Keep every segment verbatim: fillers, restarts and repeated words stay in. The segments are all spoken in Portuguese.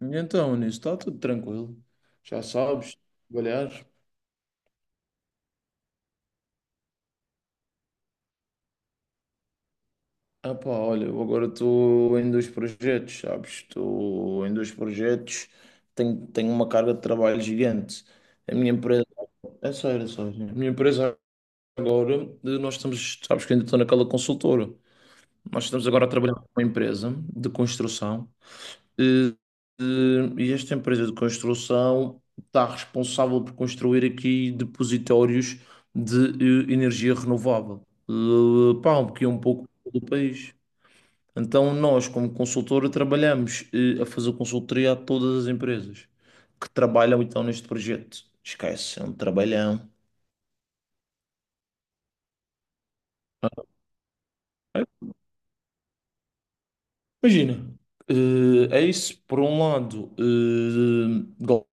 E Então, nisso está tudo tranquilo. Já sabes, trabalhar. Ah pá, olha, eu agora estou em dois projetos, sabes? Estou em dois projetos, tenho, tenho uma carga de trabalho gigante. A minha empresa, é sério, é sério. A minha empresa agora, eh, nós estamos, sabes que ainda estou naquela consultora. Nós estamos agora a trabalhar com uma empresa de construção. E, e esta empresa de construção está responsável por construir aqui depositórios de eh, energia renovável. Eh, pá, um pouquinho um pouco do país. Então nós, como consultora, trabalhamos eh, a fazer consultoria a todas as empresas que trabalham então neste projeto. Esquece, é um trabalhão. Imagina, eh, é isso, por um lado, eh, go-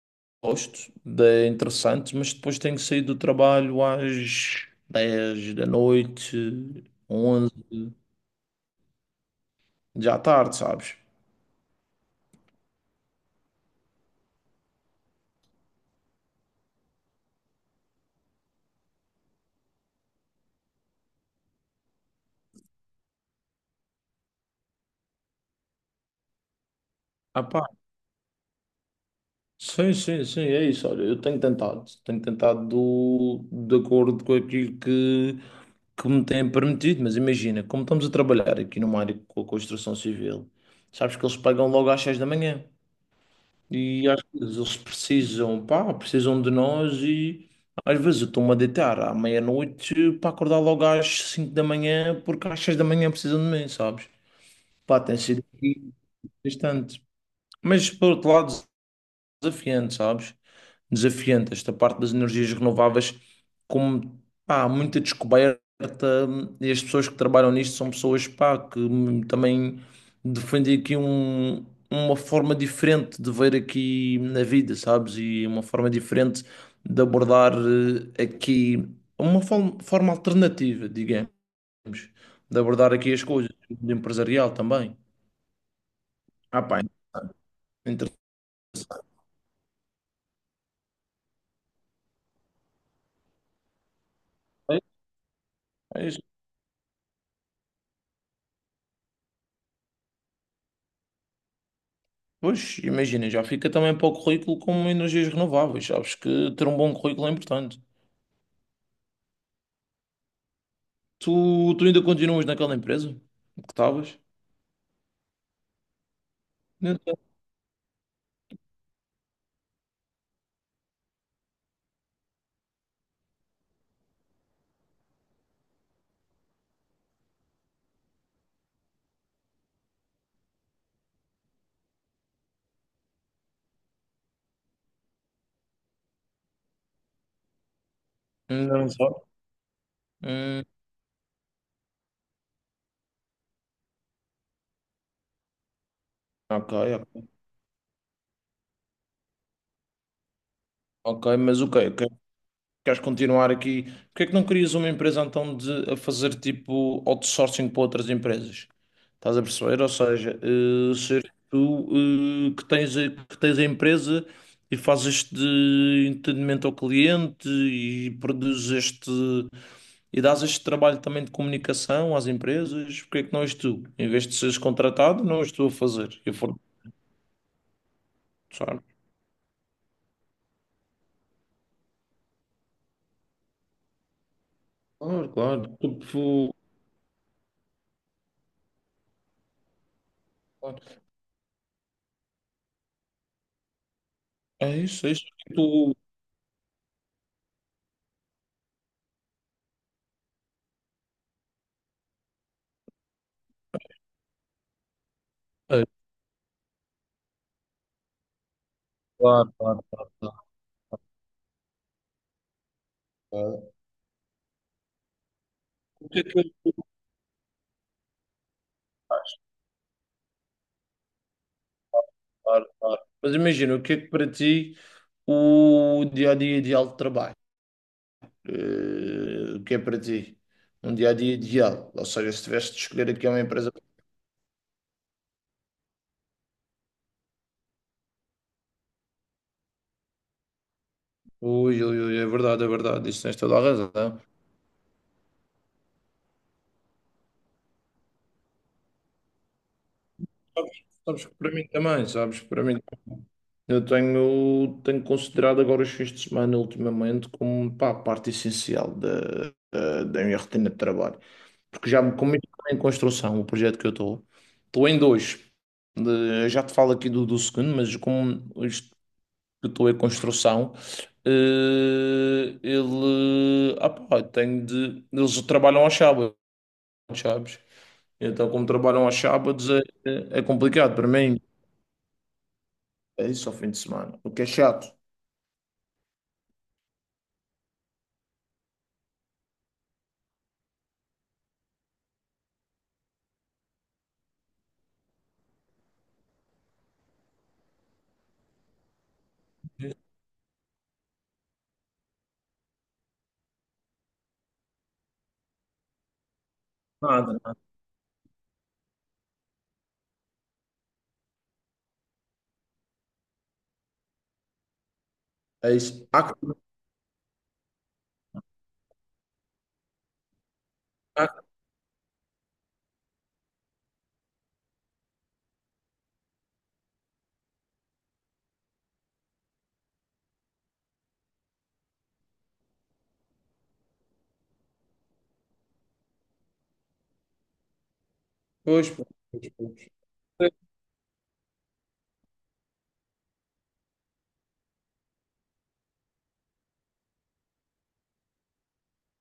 gosto, é interessante, mas depois tenho que sair do trabalho às dez da noite, onze já à tarde, sabes? Ah, pá, sim, sim, sim, é isso, olha, eu tenho tentado, tenho tentado do, de acordo com aquilo que, que me têm permitido, mas imagina, como estamos a trabalhar aqui numa área com a construção civil, sabes que eles pagam logo às seis da manhã. E às vezes eles precisam, pá, precisam de nós e às vezes eu estou-me a deitar à meia-noite para acordar logo às cinco da manhã porque às seis da manhã precisam de mim, sabes? Pá, tem sido aqui bastante. Mas por outro lado, desafiante, sabes? Desafiante esta parte das energias renováveis, como pá, há muita descoberta e as pessoas que trabalham nisto são pessoas pá, que hum, também defendem aqui um- uma forma diferente de ver aqui na vida, sabes? E uma forma diferente de abordar eh, aqui, uma forma, forma alternativa, digamos, de abordar aqui as coisas, do empresarial também. Ah, pá, interessante. Pois, imagina, já fica também para o currículo como energias renováveis. Sabes que ter um bom currículo é importante. Tu, tu ainda continuas naquela empresa que estavas? Ainda não. Ainda não sabe. Hum, ok, ok. Ok, mas o quê? Que- Queres continuar aqui? Porque é que não crias uma empresa então de, a fazer tipo outsourcing para outras empresas? Estás a perceber? Ou seja, eh, ser tu eh, que tens, a- que tens a empresa e fazes este entendimento ao cliente e produzes este. E dás este trabalho também de comunicação às empresas, porque é que não és tu? Em vez de seres contratado, não és tu a fazer. E a forçar. Claro, claro. Tipo, é isso, é isso. Tu... É, claro, claro, claro, claro. Claro. O que é que- claro, claro. Mas imagina, o que é que para ti o dia-a-dia ideal de trabalho? Eh, o que é para ti? Um dia-a-dia ideal. Ou seja, se tivesse de escolher aqui uma empresa. Ui, ui, ui, é verdade, é verdade. Isso tens toda a razão. Sabes que para mim também, sabes que para mim eu tenho, tenho considerado agora os fins de semana ultimamente como pá, parte essencial da, da, da minha rotina de trabalho. Porque já me cometi em construção o projeto que eu estou. Estou em dois. De- já te falo aqui do, do segundo, mas como este que eu estou em construção, eh, ele ah, pá, tenho de. Eles trabalham aos sábados, sabes? Então, como trabalham aos sábados, é, é é complicado para mim. É isso ao fim de semana. O que é chato. Nada, nada. É isso. Há que- Há que- Pois, pois, pois,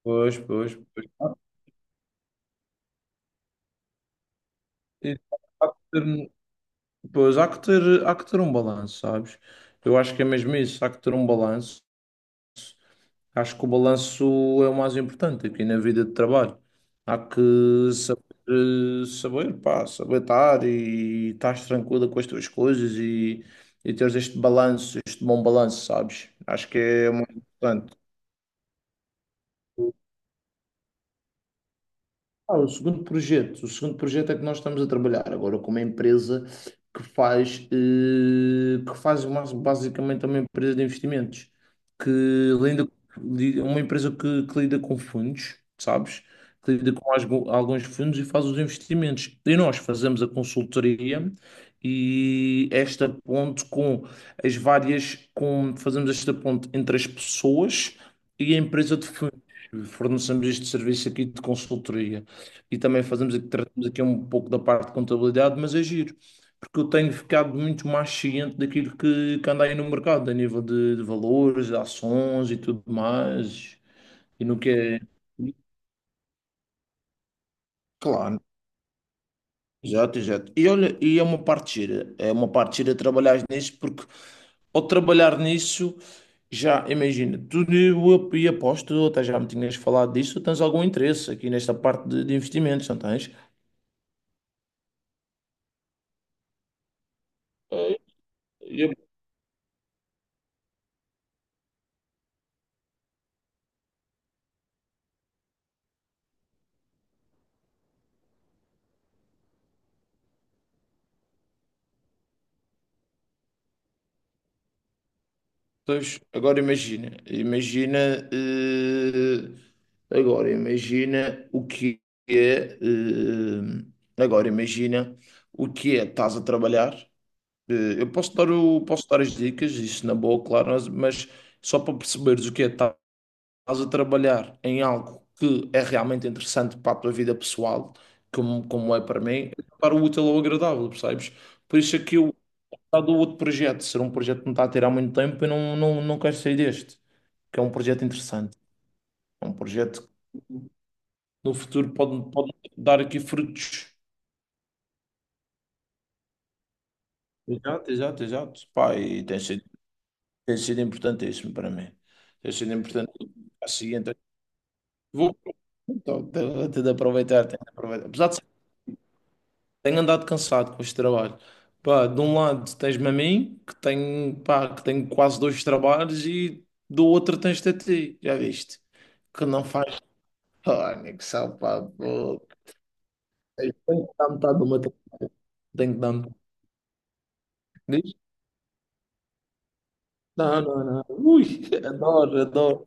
pois, pois, pois. Pois. Há que há que ter, um, pois, há que ter, há que ter um balanço, sabes? Eu acho que é mesmo isso, há que ter um balanço. Acho que o balanço é o mais importante aqui na vida de trabalho. Há que saber, saber, pá, saber estar e estar tranquila com as tuas coisas e, e teres este balanço, este bom balanço, sabes? Acho que é muito importante. Ah, o segundo projeto, o segundo projeto é que nós estamos a trabalhar agora com uma empresa que faz, eh, que faz mas- basicamente uma empresa de investimentos, que lida, lida- uma empresa que, que lida com fundos, sabes? Que lida com asgo- alguns fundos e faz os investimentos. E nós fazemos a consultoria e esta ponte com as várias, com, fazemos esta ponte entre as pessoas e a empresa de fundos. Fornecemos este serviço aqui de consultoria e também fazemos aqui, tratamos aqui um pouco da parte de contabilidade, mas é giro, porque eu tenho ficado muito mais ciente daquilo que, que anda aí no mercado, a nível de, de valores, de ações e tudo mais, e no que é. Claro, exato, exato. E olha, e é uma parte gira, é uma parte gira trabalhar nisso, porque ao trabalhar nisso, já imagina, tu e eu- e aposto, até já me tinhas falado disso, tens algum interesse aqui nesta parte de, de investimentos, não tens? É, pois, agora imagina, imagina, eh, agora imagina o que é, eh, agora imagina o que é, estás a trabalhar. Eh, eu posso dar, o, posso dar as dicas, isso na boa, claro, mas, mas só para perceberes o que é, estás a trabalhar em algo que é realmente interessante para a tua vida pessoal, como, como é para mim, para o útil ou agradável, percebes? Por isso é que eu está do outro projeto, ser um projeto que me está a tirar muito tempo e não, não, não quero sair deste, que é um projeto interessante, é um projeto que no futuro pode, pode dar aqui frutos. Exato, exato, exato. Pá, e tem sido, tem sido importantíssimo para mim. Tem sido importante. A seguinte, vou então, tenho tenho de aproveitar, tenho de aproveitar. Apesar de ser- tenho andado cansado com este trabalho. Pá, de um lado tens-me a mim, que tenho, pá, que tenho quase dois trabalhos, e do outro tens-te a ti, já viste? Que não faz. Oh, nego, salva a boca. Tenho que dar metade do meu trabalho. Tenho que dar metade. Diz? Não, não, não. Ui, adoro, adoro.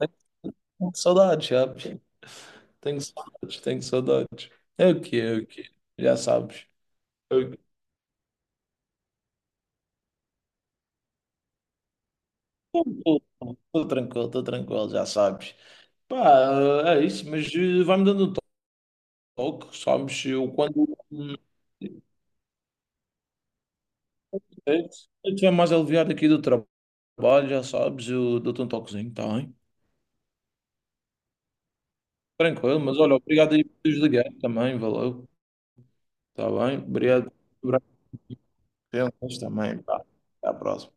Tenho saudades, sabes? Tenho saudades, tenho saudades. É o que é, o que é. Já sabes. É o quê? Estou tranquilo, estou tranquilo, já sabes. Pá, é isso, mas eh, vai-me dando um toque, sabes? Eu quando hum, eu estiver mais aliviado aqui do trabalho, já sabes, eu dou-te um toquezinho, tá bem? Tranquilo, mas olha, obrigado aí por teres ligado também, valeu. Está bem, obrigado por abrir as também. Pá. Até à próxima.